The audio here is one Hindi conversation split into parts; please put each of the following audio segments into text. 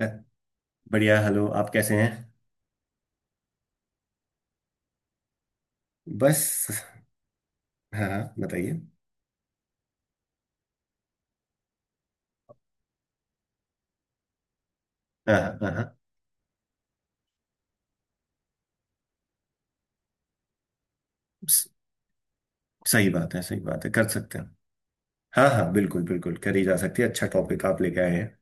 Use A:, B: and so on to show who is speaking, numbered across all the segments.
A: अ, बढ़िया। हेलो, आप कैसे हैं। बस। हाँ हाँ, बताइए। हाँ हाँ हाँ हाँ। स- सही बात है, सही बात है, कर सकते हैं। हाँ हाँ, बिल्कुल बिल्कुल करी जा सकती है। अच्छा टॉपिक आप लेके आए हैं।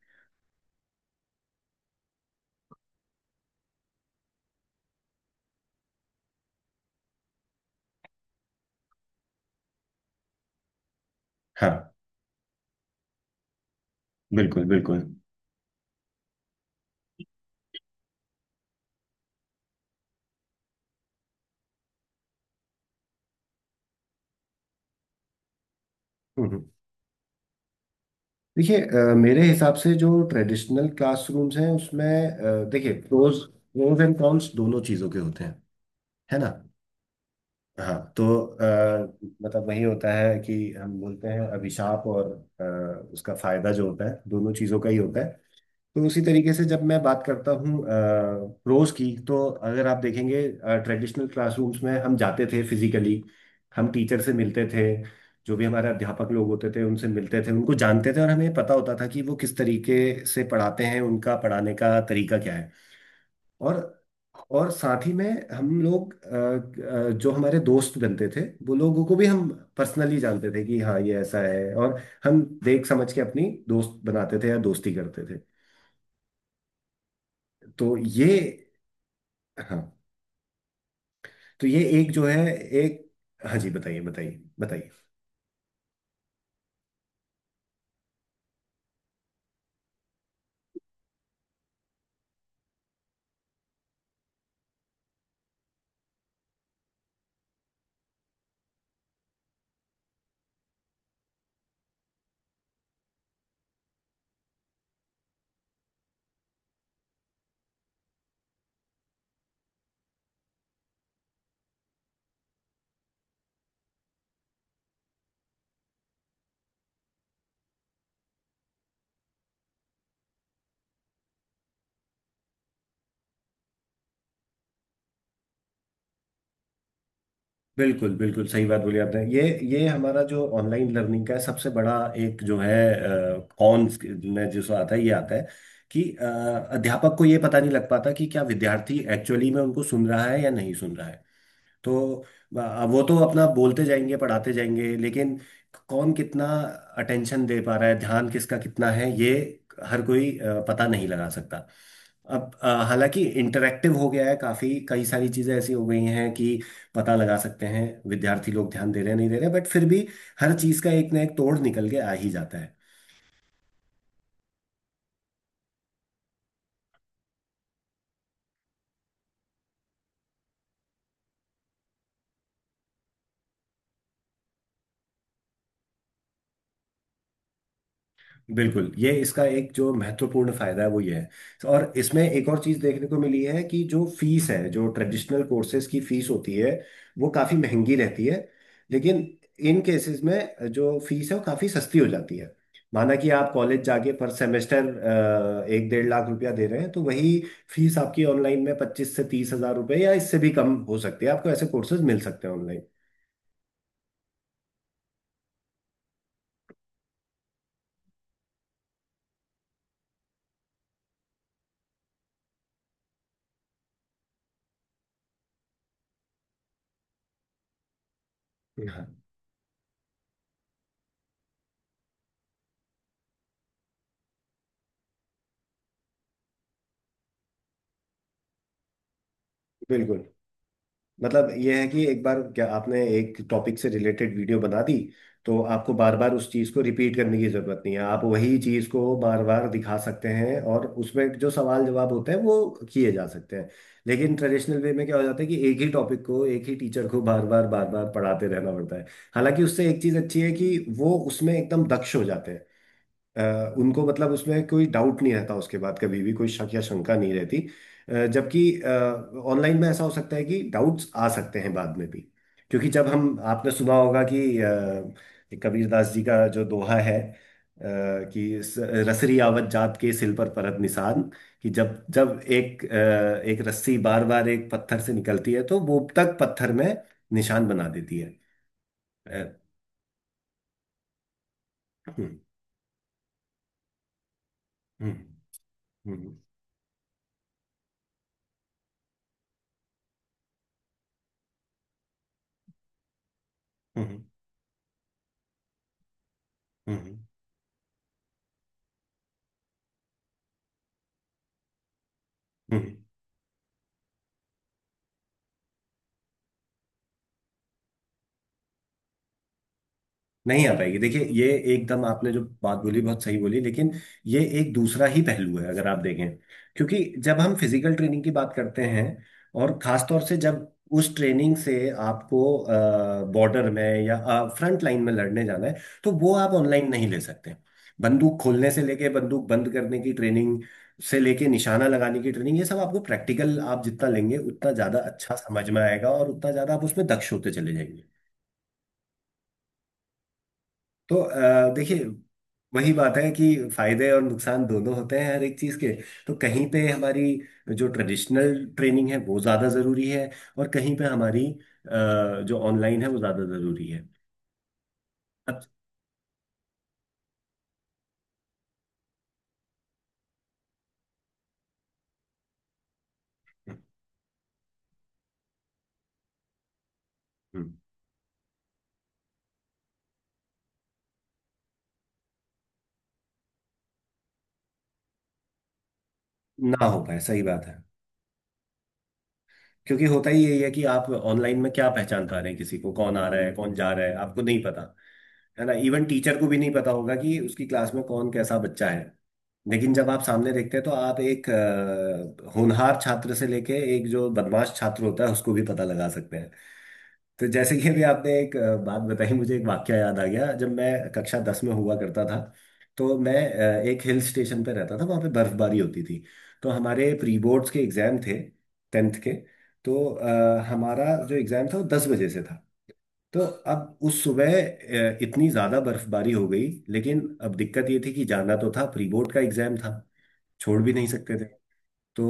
A: हाँ बिल्कुल बिल्कुल। हम्म हम्म। देखिए, मेरे हिसाब से जो ट्रेडिशनल क्लासरूम्स हैं उसमें देखिए, प्रोज प्रोज एंड कॉन्स दोनों चीज़ों के होते हैं। है ना। हाँ तो मतलब वही होता है कि हम बोलते हैं अभिशाप और उसका फायदा जो होता है दोनों चीज़ों का ही होता है। तो उसी तरीके से जब मैं बात करता हूँ प्रोज की, तो अगर आप देखेंगे ट्रेडिशनल क्लासरूम्स में हम जाते थे फिजिकली, हम टीचर से मिलते थे। जो भी हमारे अध्यापक लोग होते थे उनसे मिलते थे, उनको जानते थे और हमें पता होता था कि वो किस तरीके से पढ़ाते हैं, उनका पढ़ाने का तरीका क्या है। और और साथ ही में हम लोग जो हमारे दोस्त बनते थे वो लोगों को भी हम पर्सनली जानते थे कि हाँ ये ऐसा है, और हम देख समझ के अपनी दोस्त बनाते थे या दोस्ती करते थे। तो ये, हाँ तो ये एक जो है एक, हाँ जी, बताइए बताइए बताइए। बिल्कुल बिल्कुल सही बात बोली आपने। ये हमारा जो ऑनलाइन लर्निंग का सबसे बड़ा एक जो है कॉन में जो आता है, ये आता है कि अध्यापक को ये पता नहीं लग पाता कि क्या विद्यार्थी एक्चुअली में उनको सुन रहा है या नहीं सुन रहा है। तो वो तो अपना बोलते जाएंगे, पढ़ाते जाएंगे, लेकिन कौन कितना अटेंशन दे पा रहा है, ध्यान किसका कितना है, ये हर कोई पता नहीं लगा सकता। अब हालांकि इंटरैक्टिव हो गया है, काफी कई सारी चीजें ऐसी हो गई हैं कि पता लगा सकते हैं विद्यार्थी लोग ध्यान दे रहे हैं नहीं दे रहे, बट फिर भी हर चीज का एक ना एक तोड़ निकल के आ ही जाता है। बिल्कुल, ये इसका एक जो महत्वपूर्ण फायदा है वो ये है। और इसमें एक और चीज देखने को मिली है कि जो फीस है, जो ट्रेडिशनल कोर्सेज की फीस होती है वो काफी महंगी रहती है। लेकिन इन केसेस में जो फीस है वो काफी सस्ती हो जाती है। माना कि आप कॉलेज जाके पर सेमेस्टर एक डेढ़ लाख रुपया दे रहे हैं, तो वही फीस आपकी ऑनलाइन में 25 से 30 हज़ार रुपये या इससे भी कम हो सकती है, आपको ऐसे कोर्सेज मिल सकते हैं ऑनलाइन। हाँ बिल्कुल। मतलब यह है कि एक बार क्या आपने एक टॉपिक से रिलेटेड वीडियो बना दी, तो आपको बार बार उस चीज़ को रिपीट करने की ज़रूरत नहीं है, आप वही चीज़ को बार बार दिखा सकते हैं और उसमें जो सवाल जवाब होते हैं वो किए जा सकते हैं। लेकिन ट्रेडिशनल वे में क्या हो जाता है कि एक ही टॉपिक को एक ही टीचर को बार बार बार बार पढ़ाते रहना पड़ता है। हालांकि उससे एक चीज़ अच्छी है कि वो उसमें एकदम दक्ष हो जाते हैं। उनको मतलब उसमें कोई डाउट नहीं रहता, उसके बाद कभी भी कोई शक या शंका नहीं रहती। जबकि ऑनलाइन में ऐसा हो सकता है कि डाउट्स आ सकते हैं बाद में भी। क्योंकि जब हम आपने सुना होगा कि कबीरदास जी का जो दोहा है, कि रसरी आवत जात के सिल पर परत निशान। कि जब जब एक रस्सी बार बार एक पत्थर से निकलती है तो वो तक पत्थर में निशान बना देती है। अ, हम्म हम्म। हम्म हम्म। हम्म हम्म हम्म। नहीं आ पाएगी। देखिए, ये एकदम आपने जो बात बोली बहुत सही बोली, लेकिन ये एक दूसरा ही पहलू है अगर आप देखें। क्योंकि जब हम फिजिकल ट्रेनिंग की बात करते हैं, और खास तौर से जब उस ट्रेनिंग से आपको बॉर्डर में या फ्रंट लाइन में लड़ने जाना है, तो वो आप ऑनलाइन नहीं ले सकते। बंदूक खोलने से लेके बंदूक बंद करने की ट्रेनिंग से लेके निशाना लगाने की ट्रेनिंग, ये सब आपको प्रैक्टिकल आप जितना लेंगे उतना ज्यादा अच्छा समझ में आएगा और उतना ज्यादा आप उसमें दक्ष होते चले जाएंगे। तो देखिए, वही बात है कि फायदे और नुकसान दोनों होते हैं हर एक चीज के। तो कहीं पे हमारी जो ट्रेडिशनल ट्रेनिंग है वो ज्यादा जरूरी है, और कहीं पे हमारी जो ऑनलाइन है वो ज्यादा जरूरी है। अब हम्म, ना हो पाए, सही बात है। क्योंकि होता ही यही है कि आप ऑनलाइन में क्या पहचान पा रहे हैं किसी को, कौन आ रहा है, कौन जा रहा है, आपको नहीं पता। है ना। इवन टीचर को भी नहीं पता होगा कि उसकी क्लास में कौन कैसा बच्चा है। लेकिन जब आप सामने देखते हैं तो आप एक होनहार छात्र से लेके एक जो बदमाश छात्र होता है उसको भी पता लगा सकते हैं। तो जैसे कि अभी आपने एक बात बताई, मुझे एक वाक्य याद आ गया जब मैं कक्षा 10 में हुआ करता था। तो मैं एक हिल स्टेशन पे रहता था, वहाँ पे बर्फबारी होती थी। तो हमारे प्री बोर्ड्स के एग्जाम थे, टेंथ के। तो हमारा जो एग्ज़ाम था वो 10 बजे से था। तो अब उस सुबह इतनी ज़्यादा बर्फबारी हो गई। लेकिन अब दिक्कत ये थी कि जाना तो था, प्री बोर्ड का एग्ज़ाम था, छोड़ भी नहीं सकते थे। तो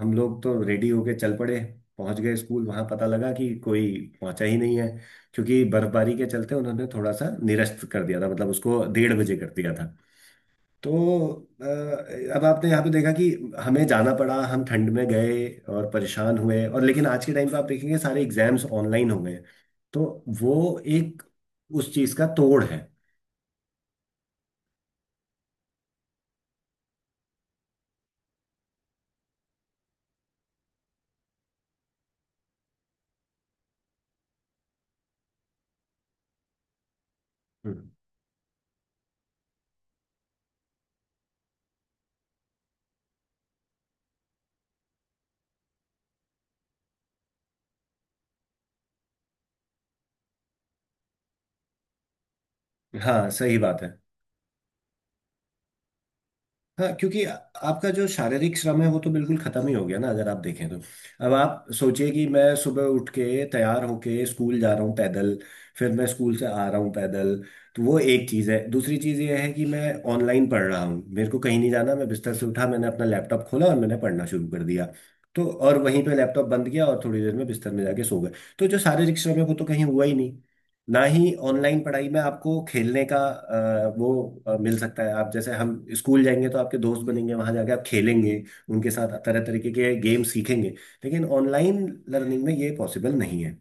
A: हम लोग तो रेडी होके चल पड़े, पहुंच गए स्कूल, वहां पता लगा कि कोई पहुंचा ही नहीं है। क्योंकि बर्फबारी के चलते उन्होंने थोड़ा सा निरस्त कर दिया था, मतलब उसको 1:30 बजे कर दिया था। तो अ, अब आपने यहाँ पे देखा कि हमें जाना पड़ा, हम ठंड में गए और परेशान हुए, और लेकिन आज के टाइम पे आप देखेंगे सारे एग्जाम्स ऑनलाइन हो गए। तो वो एक उस चीज का तोड़ है। हम्म। हाँ सही बात है। हाँ, क्योंकि आपका जो शारीरिक श्रम है वो तो बिल्कुल खत्म ही हो गया ना, अगर आप देखें तो। अब आप सोचिए कि मैं सुबह उठ के तैयार होके स्कूल जा रहा हूँ पैदल, फिर मैं स्कूल से आ रहा हूँ पैदल। तो वो एक चीज़ है। दूसरी चीज़ ये है कि मैं ऑनलाइन पढ़ रहा हूँ, मेरे को कहीं नहीं जाना, मैं बिस्तर से उठा, मैंने अपना लैपटॉप खोला और मैंने पढ़ना शुरू कर दिया। तो और वहीं पे लैपटॉप बंद किया और थोड़ी देर में बिस्तर में जाके सो गए। तो जो शारीरिक श्रम है वो तो कहीं हुआ ही नहीं। ना ही ऑनलाइन पढ़ाई में आपको खेलने का वो मिल सकता है, आप जैसे हम स्कूल जाएंगे तो आपके दोस्त बनेंगे, वहां जाके आप खेलेंगे, उनके साथ तरह तरीके के गेम सीखेंगे। लेकिन ऑनलाइन लर्निंग में ये पॉसिबल नहीं है।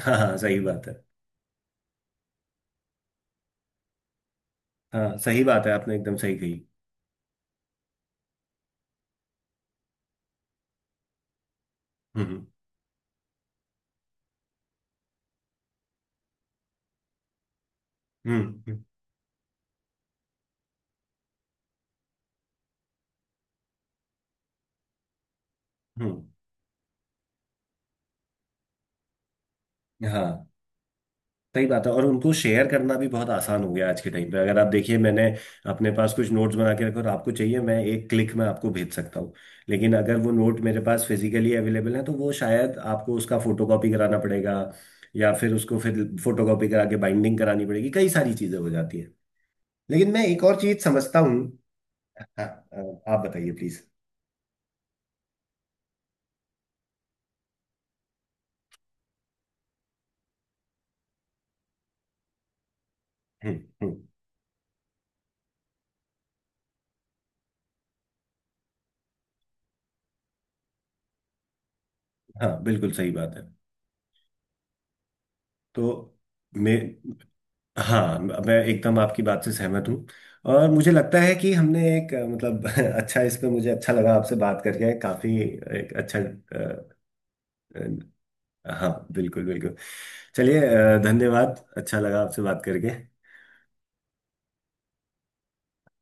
A: हाँ हाँ सही बात है। हाँ, सही बात है, आपने एकदम सही कही। हम्म हम्म। हम्म हम्म। हाँ, सही बात है, और उनको शेयर करना भी बहुत आसान हो गया आज के टाइम पे। अगर आप देखिए, मैंने अपने पास कुछ नोट्स बना के रखे और आपको चाहिए, मैं एक क्लिक में आपको भेज सकता हूँ। लेकिन अगर वो नोट मेरे पास फिजिकली अवेलेबल है, तो वो शायद आपको उसका फोटोकॉपी कराना पड़ेगा। या फिर उसको फिर फोटोकॉपी करा के बाइंडिंग करानी पड़ेगी, कई सारी चीजें हो जाती है। लेकिन मैं एक और चीज समझता हूँ। हाँ, आप बताइए प्लीज। हम्म हम्म। हाँ बिल्कुल सही बात है। तो मे हाँ, मैं एकदम आपकी बात से सहमत हूँ। और मुझे लगता है कि हमने एक मतलब अच्छा, इस पे मुझे अच्छा लगा आपसे बात करके काफी, एक अच्छा अ, हाँ बिल्कुल बिल्कुल। चलिए, धन्यवाद, अच्छा लगा आपसे बात करके।